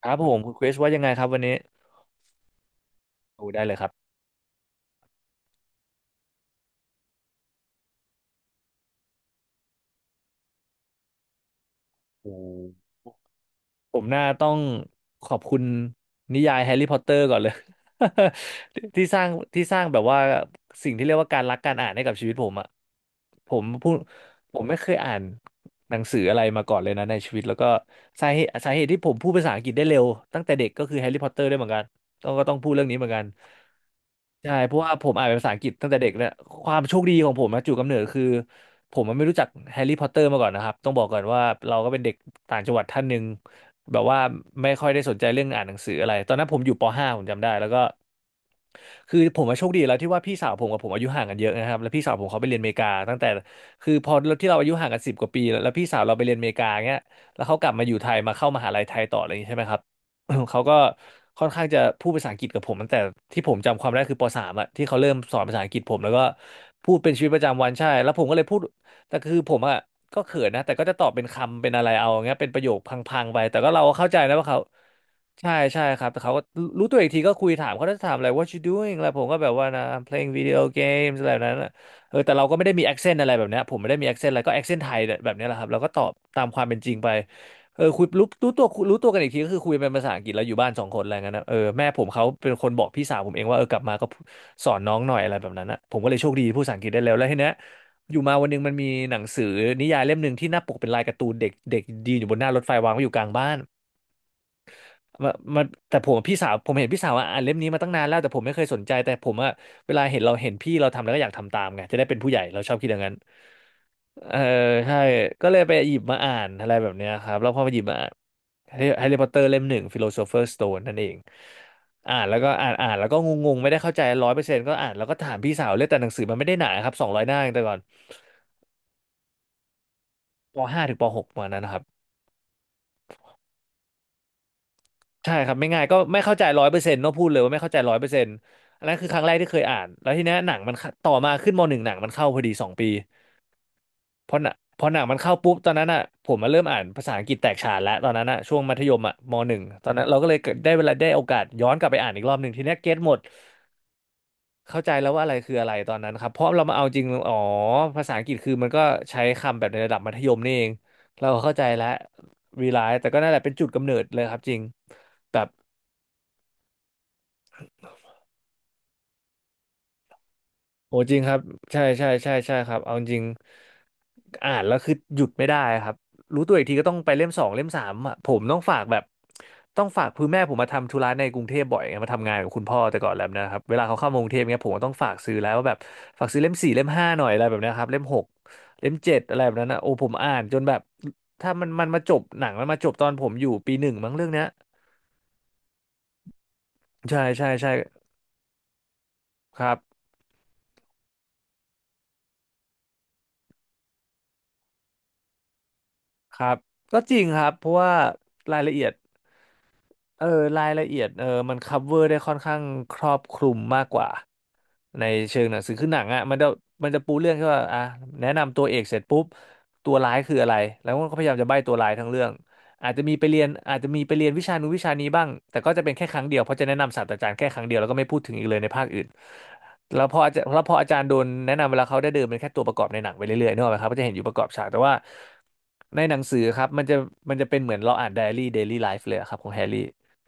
ครับผมคุณคริสว่ายังไงครับวันนี้โอ้ได้เลยครับโอ้ ผมน่าต้องขอบคุณนิยายแฮร์รี่พอตเตอร์ก่อนเลย ที่สร้างที่สร้างแบบว่าสิ่งที่เรียกว่าการรักการอ่านให้กับชีวิตผมอะผมพูดผมไม่เคยอ่านหนังสืออะไรมาก่อนเลยนะในชีวิตแล้วก็สาเหตุที่ผมพูดภาษาอังกฤษได้เร็วตั้งแต่เด็กก็คือแฮร์รี่พอตเตอร์ด้วยเหมือนกันต้องพูดเรื่องนี้เหมือนกันใช่เพราะว่าผมอ่านเป็นภาษาอังกฤษตั้งแต่เด็กเนี่ยความโชคดีของผมนะจุดกำเนิดคือผมมันไม่รู้จักแฮร์รี่พอตเตอร์มาก่อนนะครับต้องบอกก่อนว่าเราก็เป็นเด็กต่างจังหวัดท่านหนึ่ง แบบว่าไม่ค่อยได้สนใจเรื่องอ่านหนังสืออะไรตอนนั้นผมอยู่ป .5 ผมจำได้แล้วก็คือผมมาโชคดีแล้วที่ว่าพี่สาวผมกับผมอายุห่างกันเยอะนะครับแล้วพี่สาวผมเขาไปเรียนอเมริกาตั้งแต่คือพอที่เราอายุห่างกันสิบกว่าปีแล้วแล้วพี่สาวเราไปเรียนอเมริกาเงี้ยแล้วเขากลับมาอยู่ไทยมาเข้ามหาลัยไทยต่ออะไรอย่างนี้ใช่ไหมครับ เขาก็ค่อนข้างจะพูดภาษาอังกฤษกับผมตั้งแต่ที่ผมจำความได้คือป .3 อะที่เขาเริ่มสอนภาษาอังกฤษผมแล้วก็พูดเป็นชีวิตประจำวันใช่แล้วผมก็เลยพูด แต่คือผมอ่ะก็เขินนะแต่ก็จะตอบเป็นคำเป็นอะไรเอาอย่างเงี้ยเป็นประโยคพังๆไปแต่ก็เราก็เข้าใจนะว่าเขาใช่ใช่ครับแต่เขาก็รู้ตัวอีกทีก็คุยถามเขาจะถามอะไร what you doing แล้วผมก็แบบว่านะ I'm playing video games อะไรแบบนั้นอะเออแต่เราก็ไม่ได้มี accent อะไรแบบเนี้ยผมไม่ได้มี accent อะไรก็ accent ไทยแบบเนี้ยแหละครับเราก็ตอบตามความเป็นจริงไปเออคุยรู้ตัวกันอีกทีก็คือคุยเป็นภาษาอังกฤษแล้วอยู่บ้านสองคนอะไรเงี้ยนะเออแม่ผมเขาเป็นคนบอกพี่สาวผมเองว่าเออกลับมาก็สอนน้องหน่อยอะไรแบบนั้นนะผมก็เลยโชคดีพูดภาษาอังกฤษได้แล้วแล้วทีเนี้ย อยู่มาวันหนึงมันมีหนังสือนิยายเล่มหนึ่งที่หน้าปกเป็นลายการ์ตูนเด็กเด็กยืนอยู่บนหน้ารถไฟวางไว้อยู่กลางบ้านมันแต่ผมกับพี่สาวผมเห็นพี่สาวอ่ะอ่านเล่มนี้มาตั้งนานแล้วแต่ผมไม่เคยสนใจแต่ผมอ่ะเวลาเห็นเราเห็นพี่เราทำแล้วก็อยากทำตามไงจะได้เป็นผู้ใหญ่เราชอบคิดอย่างนั้นเออใช่ก็เลยไปหยิบมาอ่านอะไรแบบเนี้ยครับแล้วพอไปหยิบมาอ่านแฮร์รี่พอตเตอร์เล่มหนึ่งฟิโลโซเฟอร์สโตนนั่นเองอ่านแล้วก็อ่านแล้วก็งงๆไม่ได้เข้าใจร้อยเปอร์เซ็นต์ก็อ่านแล้วก็ถามพี่สาวเลยแต่หนังสือมันไม่ได้หนาครับ200 หน้าเองแต่ก่อนปห้าถึงปหกประมาณนั้นนะครับ ใช่ครับไม่ง่ายก็ไม่เข้าใจร้อยเปอร์เซ็นต์เนาะพูดเลยว่าไม่เข้าใจร้อยเปอร์เซ็นต์อันนั้นคือครั้งแรกที่เคยอ่านแล้วทีเนี้ยหนังมันเข้าต่อมาขึ้นมหนึ่งหนังมันเข้าพอดี2 ปีพอหนังมันเข้าปุ๊บตอนนั้นอ่ะผมมาเริ่มอ่านภาษาอังกฤษแตกฉานแล้วตอนนั้นอ่ะช่วงมัธยมอ่ะมหนึ่งตอนนั้นเราก็เลยเกิดได้เวลาได้โอกาสย้อนกลับไปอ่านอีกรอบหนึ่งทีเนี้ยเก็ตหมดเข้าใจแล้วว่าอะไรคืออะไรตอนนั้นครับเพราะเรามาเอาจริงอ๋อภาษาอังกฤษคือมันก็ใช้คำแบบในระดับมัธยมนี่เองเราเข้าใจแล้วรีไลซ์แต่ก็นั่นแหละเป็นจุดกำเนิดเลยครับจริงแบบ โอ้จริงครับใช่ใช่ใช่ใช่ครับเอาจริงอ่านแล้วคือหยุดไม่ได้ครับรู้ตัวอีกทีก็ต้องไปเล่มสองเล่มสามอ่ะผมต้องฝากแบบต้องฝากคือแม่ผมมาทำธุระในกรุงเทพบ่อยไงมาทำงานกับคุณพ่อแต่ก่อนแล้วนะครับเวลาเขาเข้ามากรุงเทพเงี้ยผมก็ต้องฝากซื้อแล้วว่าแบบฝากซื้อเล่มสี่เล่มห้าหน่อยอะไรแบบเนี้ยครับเล่มหกเล่มเจ็ดอะไรแบบนั้นนะโอ้ผมอ่านจนแบบถ้ามันมาจบหนังมันมาจบตอนผมอยู่ปีหนึ่งมั้งเรื่องเนี้ยใช่ใช่ใช่ครับครับก็จริงครับเพราะว่ารายละเอียด เออรายละเอียดมันคัฟเวอร์ได้ค่อนข้างครอบคลุมมากกว่าในเชิงหนังสือคือหนังอ่ะมันจะปูเรื่องแค่ว่าอ่ะแนะนำตัวเอกเสร็จปุ๊บตัวร้ายคืออะไรแล้วมันก็พยายามจะใบ้ตัวร้ายทั้งเรื่องอาจจะมีไปเรียนอาจจะมีไปเรียนวิชานู้นวิชานี้บ้างแต่ก็จะเป็นแค่ครั้งเดียวเพราะจะแนะนำศาสตราจารย์แค่ครั้งเดียวแล้วก็ไม่พูดถึงอีกเลยในภาคอื่นแล้วพออาจารย์แล้วพออาจารย์โดนแนะนำเวลาเขาได้เดินเป็นแค่ตัวประกอบในหนังไปเรื่อยๆนึกออกไหมครับก็จะเห็นอยู่ประกอบฉากแต่ว่าในหนังสือครับมันจะเป็นเหมือนเราอ่านไดอารี่เดลี่ไลฟ์เลยอะครับของแฮร์รี่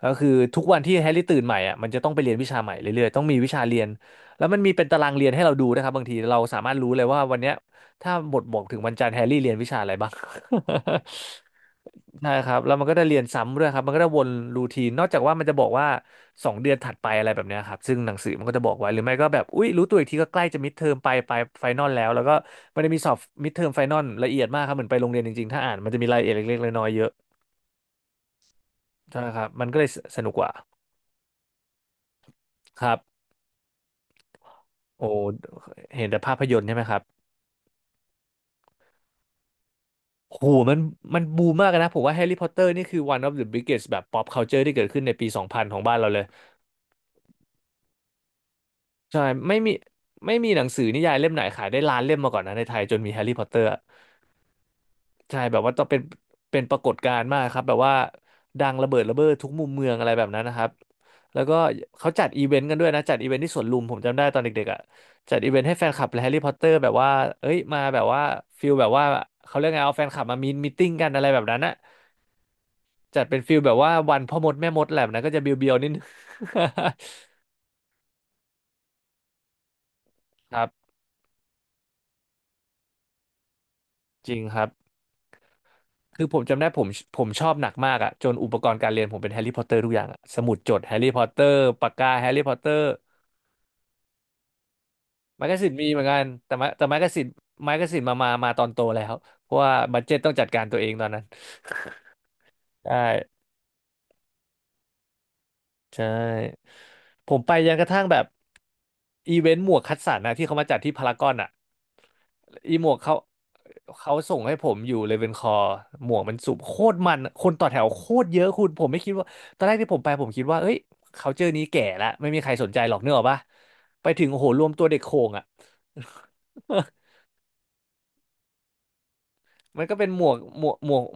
ก็คือทุกวันที่แฮร์รี่ตื่นใหม่อ่ะมันจะต้องไปเรียนวิชาใหม่เรื่อยๆต้องมีวิชาเรียนแล้วมันมีเป็นตารางเรียนให้เราดูนะครับบางทีเราสามารถรู้เลยว่าวันเนี้ยถ้าบทบอกถึงวันจันทร์แฮร์รี่เรียนวิชาอะไรบ้าง ใช่ครับแล้วมันก็ได้เรียนซ้ำด้วยครับมันก็ได้วนรูทีนนอกจากว่ามันจะบอกว่าสองเดือนถัดไปอะไรแบบเนี้ยครับซึ่งหนังสือมันก็จะบอกไว้หรือไม่ก็แบบอุ๊ยรู้ตัวอีกทีก็ใกล้จะมิดเทอมไปไฟนอลแล้วแล้วก็มันจะมีสอบมิดเทอมไฟนอลละเอียดมากครับเหมือนไปโรงเรียนจริงๆถ้าอ่านมันจะมีรายละเอียดเล็กๆน้อยๆเยอะใช่ครับมันก็เลยสนุกกว่าครับ โอ้เห็นแต่ภาพยนตร์ใช่ไหมครับโหมันมันบูมมากนะผมว่าแฮร์รี่พอตเตอร์นี่คือ one of the biggest แบบ pop culture ที่เกิดขึ้นในปี2000ของบ้านเราเลยใช่ไม่มีไม่มีหนังสือนิยายเล่มไหนขายได้ล้านเล่มมาก่อนนะในไทยจนมีแฮร์รี่พอตเตอร์ ใช่แบบว่าต้องเป็นเป็นปรากฏการณ์มากครับแบบว่าดังระเบิดระเบ้อทุกมุมเมืองอะไรแบบนั้นนะครับแล้วก็เขาจัดอีเวนต์กันด้วยนะจัดอีเวนต์ที่สวนลุมผมจำได้ตอนเด็กๆอ่ะจัดอีเวนต์ให้แฟนคลับแฮร์รี่พอตเตอร์แบบว่าเอ้ยมาแบบว่าฟิลแบบว่าเขาเรียกไงเอาแฟนคลับมามีตติ้งกันอะไรแบบนั้นอะจัดเป็นฟิลแบบว่าวันพ่อมดแม่มดแหละนะก็จะเบียวๆนิดนึง ครับจริงครับคือผมจำได้ผมชอบหนักมากอะจนอุปกรณ์การเรียนผมเป็นแฮร์รี่พอตเตอร์ทุกอย่างอะสมุดจดแฮร์รี่พอตเตอร์ปากกาแฮร์รี่พอตเตอร์ ไมกกาสินมีเหมือนกันแต่ไมกกาซินมาตอนโตแล้วเพราะว่าบัดเจ็ตต้องจัดการตัวเองตอนนั้นใช่ใช่ผมไปยังกระทั่งแบบอีเวนต์หมวกคัดสรรนะที่เขามาจัดที่พารากอนอ่ะอีหมวกเขาเขาส่งให้ผมอยู่เลเวนคอร์หมวกมันสูบโคตรมันคนต่อแถวโคตรเยอะคุณผมไม่คิดว่าตอนแรกที่ผมไปผมคิดว่าเอ้ยเขาเจอนี้แก่ละไม่มีใครสนใจหรอกเนกอะปะไปถึงโอ้โหรวมตัวเด็กโข่งอ่ะ มันก็เป็นหมวกหมวกหมวก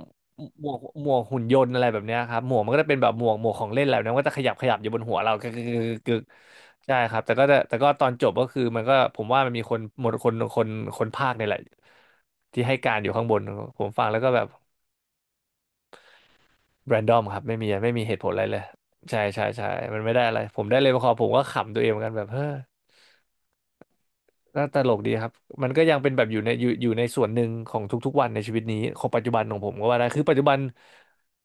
หมวกหมวกหุ่นยนต์อะไรแบบเนี้ยครับหมวกมันก็จะเป็นแบบหมวกของเล่นอะไรแบบนั้นมันก็จะขยับขยับอยู่บนหัวเรากึกกึกกึกกึกใช่ครับแต่ก็จะแต่ก็ตอนจบก็คือมันก็ผมว่ามันมีคนหมดคนภาคเนี่ยแหละที่ให้การอยู่ข้างบนผมฟังแล้วก็แบบแรนดอมครับไม่มีเหตุผลอะไรเลยใช่ใช่ใช่มันไม่ได้อะไรผมได้เลยพอผมก็ขำตัวเองเหมือนกันแบบเฮ้อ ก็ตลกดีครับมันก็ยังเป็นแบบอยู่ในส่วนหนึ่งของทุกๆวันในชีวิตนี้ของปัจจุบันของผมก็ว่าได้คือปัจจุบัน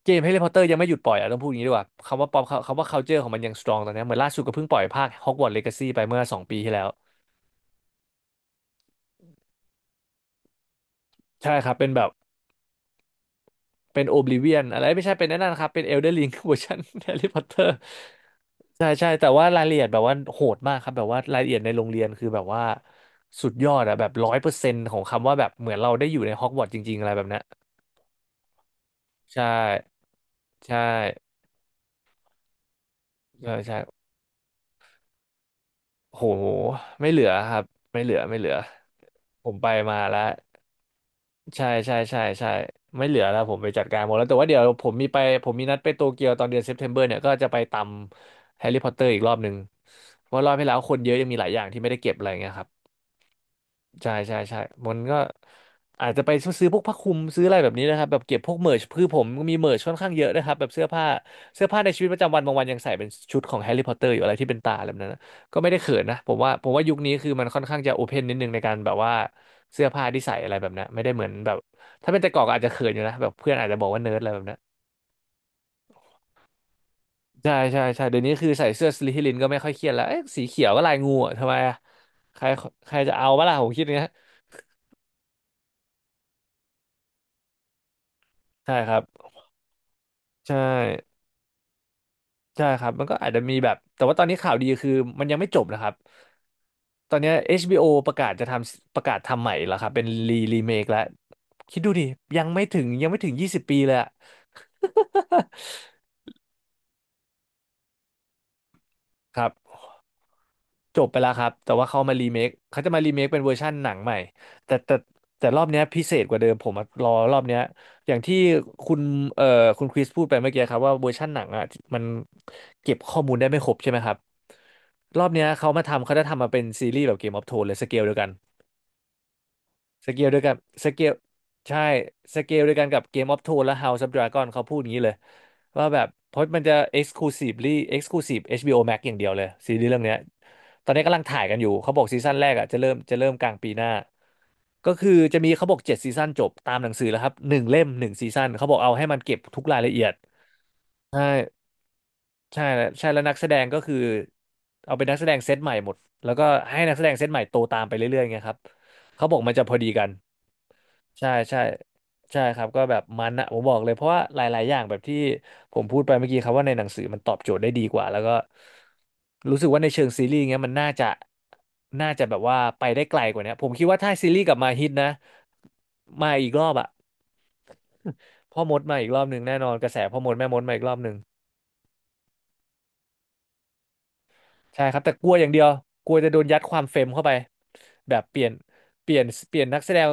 เกม Harry Potter ยังไม่หยุดปล่อยอ่ะต้องพูดอย่างนี้ดีกว่าคำว่าป๊อปคำว่า culture ของมันยัง strong ตอนนี้เหมือนล่าสุดก็เพิ่งปล่อยภาค Hogwarts Legacy ไปเมื่อ2 ปีที่แล้วใช่ครับเป็นแบบเป็น Oblivion อะไรไม่ใช่เป็นนั่นนะครับเป็น Elden Ring เวอร์ชัน Harry Potter ใช่ใช่แต่ว่ารายละเอียดแบบว่าโหดมากครับแบบว่ารายละเอียดในโรงเรียนคือแบบว่าสุดยอดอะแบบ100%ของคำว่าแบบเหมือนเราได้อยู่ในฮอกวอตส์จริงๆอะไรแบบเนี้ย ใช่ใช่ใช่ใช่โหไม่เหลือครับไม่เหลือไม่เหลือผมไปมาแล้วใช่ใช่ใช่ใช่ไม่เหลือแล้วผมไปจัดการหมดแล้วแต่ว่าเดี๋ยวผมมีไปผมมีนัดไปโตเกียวตอนเดือนเซปเทมเบอร์เนี่ยก็จะไปตำแฮร์รี่พอตเตอร์อีกรอบหนึ่งเพราะว่ารอบที่แล้วคนเยอะยังมีหลายอย่างที่ไม่ได้เก็บอะไรเงี้ยครับ ใช่ใช่ใช่มันก็อาจจะไปซื้อพวกผ้าคลุมซื้ออะไรแบบนี้นะครับแบบเก็บพวกเมิร์ชคือผมมีเมิร์ชค่อนข้างเยอะนะครับแบบเสื้อผ้าเสื้อผ้าในชีวิตประจำวันบางวันยังใส่เป็นชุดของแฮร์รี่พอตเตอร์อยู่อะไรที่เป็นตาอะไรแบบนั้นนะก็ไม่ได้เขินนะผมว่าผมว่ายุคนี้คือมันค่อนข้างจะโอเพนนิดนึงในการแบบว่าเสื้อผ้าที่ใส่อะไรแบบนั้นไม่ได้เหมือนแบบถ้าเป็นแต่ก่อนก็อาจจะเขินอยู่นะแบบเพื่อนอาจจะบอกว่าเนิร์ดอะไรแบบนั้นใช่ใช่ใช่เดี๋ยวนี้คือใส่เสื้อสลิธีรินก็ไม่ค่อยเครียดแล้วเอ๊ะสีเขียวก็ลายงูอะทำไมอะใครใครจะเอาบ้าล่ะผมคิดอย่างเงี้ยใช่ครับใช่ ใช่ครับมันก็อาจจะมีแบบแต่ว่าตอนนี้ข่าวดีคือมันยังไม่จบนะครับตอนเนี้ย HBO ประกาศทำใหม่แล้วครับเป็นรีเมคแล้วคิดดูดิยังไม่ถึง20 ปีเลยอะ ครับจบไปแล้วครับแต่ว่าเขาจะมารีเมคเป็นเวอร์ชันหนังใหม่แต่แต่แต่รอบเนี้ยพิเศษกว่าเดิมผมอะรอรอบเนี้ยอย่างที่คุณเอ่อคุณคริสพูดไปเมื่อกี้ครับว่าเวอร์ชันหนังอ่ะมันเก็บข้อมูลได้ไม่ครบใช่ไหมครับ รอบเนี้ยเขาจะทำมาเป็นซีรีส์แบบเกมออฟโทนเลยสเกลเดียวกันสเกลเดียวกันสเกลใช่สเกลเดียวกันกับเกมออฟโทนและ House of Dragon เขาพูดอย่างนี้เลยว่าแบบเพราะมันจะ exclusively exclusive HBO Max อย่างเดียวเลยซีรีส์เรื่องเนี้ยตอนนี้กำลังถ่ายกันอยู่เขาบอกซีซั่นแรกอ่ะจะเริ่มกลางปีหน้าก็คือจะมีเขาบอก7 ซีซั่นจบตามหนังสือแล้วครับหนึ่งเล่มหนึ่งซีซั่นเขาบอกเอาให้มันเก็บทุกรายละเอียดใช่ ใช่แล้วใช่แล้วนักแสดงก็คือเอาเป็นนักแสดงเซตใหม่หมดแล้วก็ให้นักแสดงเซตใหม่โตตามไปเรื่อยๆไงครับเขาบอกมันจะพอดีกันใช่ใช่ใช่ครับก็แบบมันนะผมบอกเลยเพราะว่าหลายๆอย่างแบบที่ผมพูดไปเมื่อกี้ครับว่าในหนังสือมันตอบโจทย์ได้ดีกว่าแล้วก็รู้สึกว่าในเชิงซีรีส์เงี้ยมันน่าจะแบบว่าไปได้ไกลกว่านี้ผมคิดว่าถ้าซีรีส์กลับมาฮิตนะมาอีกรอบอะ พ่อมดมาอีกรอบหนึ่งแน่นอนกระแสพ่อมดแม่มดมาอีกรอบหนึ่ง ใช่ครับแต่กลัวอย่างเดียวกลัวจะโดนยัดความเฟมเข้าไปแบบเปลี่ยนนักแสดง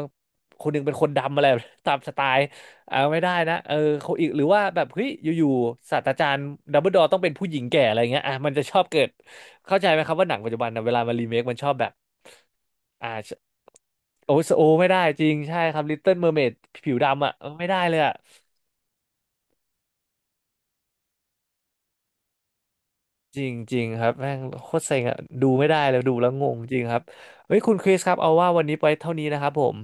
คนหนึ่งเป็นคนดำอะไร ตามสไตล์เอาไม่ได้นะเออเขาอีกหรือว่าแบบเฮ้ยอยู่ๆศาสตราจารย์ดัมเบิลดอร์ต้องเป็นผู้หญิงแก่อะไรเงี้ยอ่ะมันจะชอบเกิดเข้าใจไหมครับว่าหนังปัจจุบันนะเวลามารีเมคมันชอบแบบอ่าโอโหโอไม่ได้จริงใช่ครับลิตเติ้ลเมอร์เมดผิวดำอ่ะเออไม่ได้เลยอ่ะ จริงจริงครับแม่งโคตรเซ็งอะดูไม่ได้เลยดูแล้วงงจริงครับเฮ้ยคุณคริสครับเอาว่าวันนี้ไปเท่านี้นะครับผม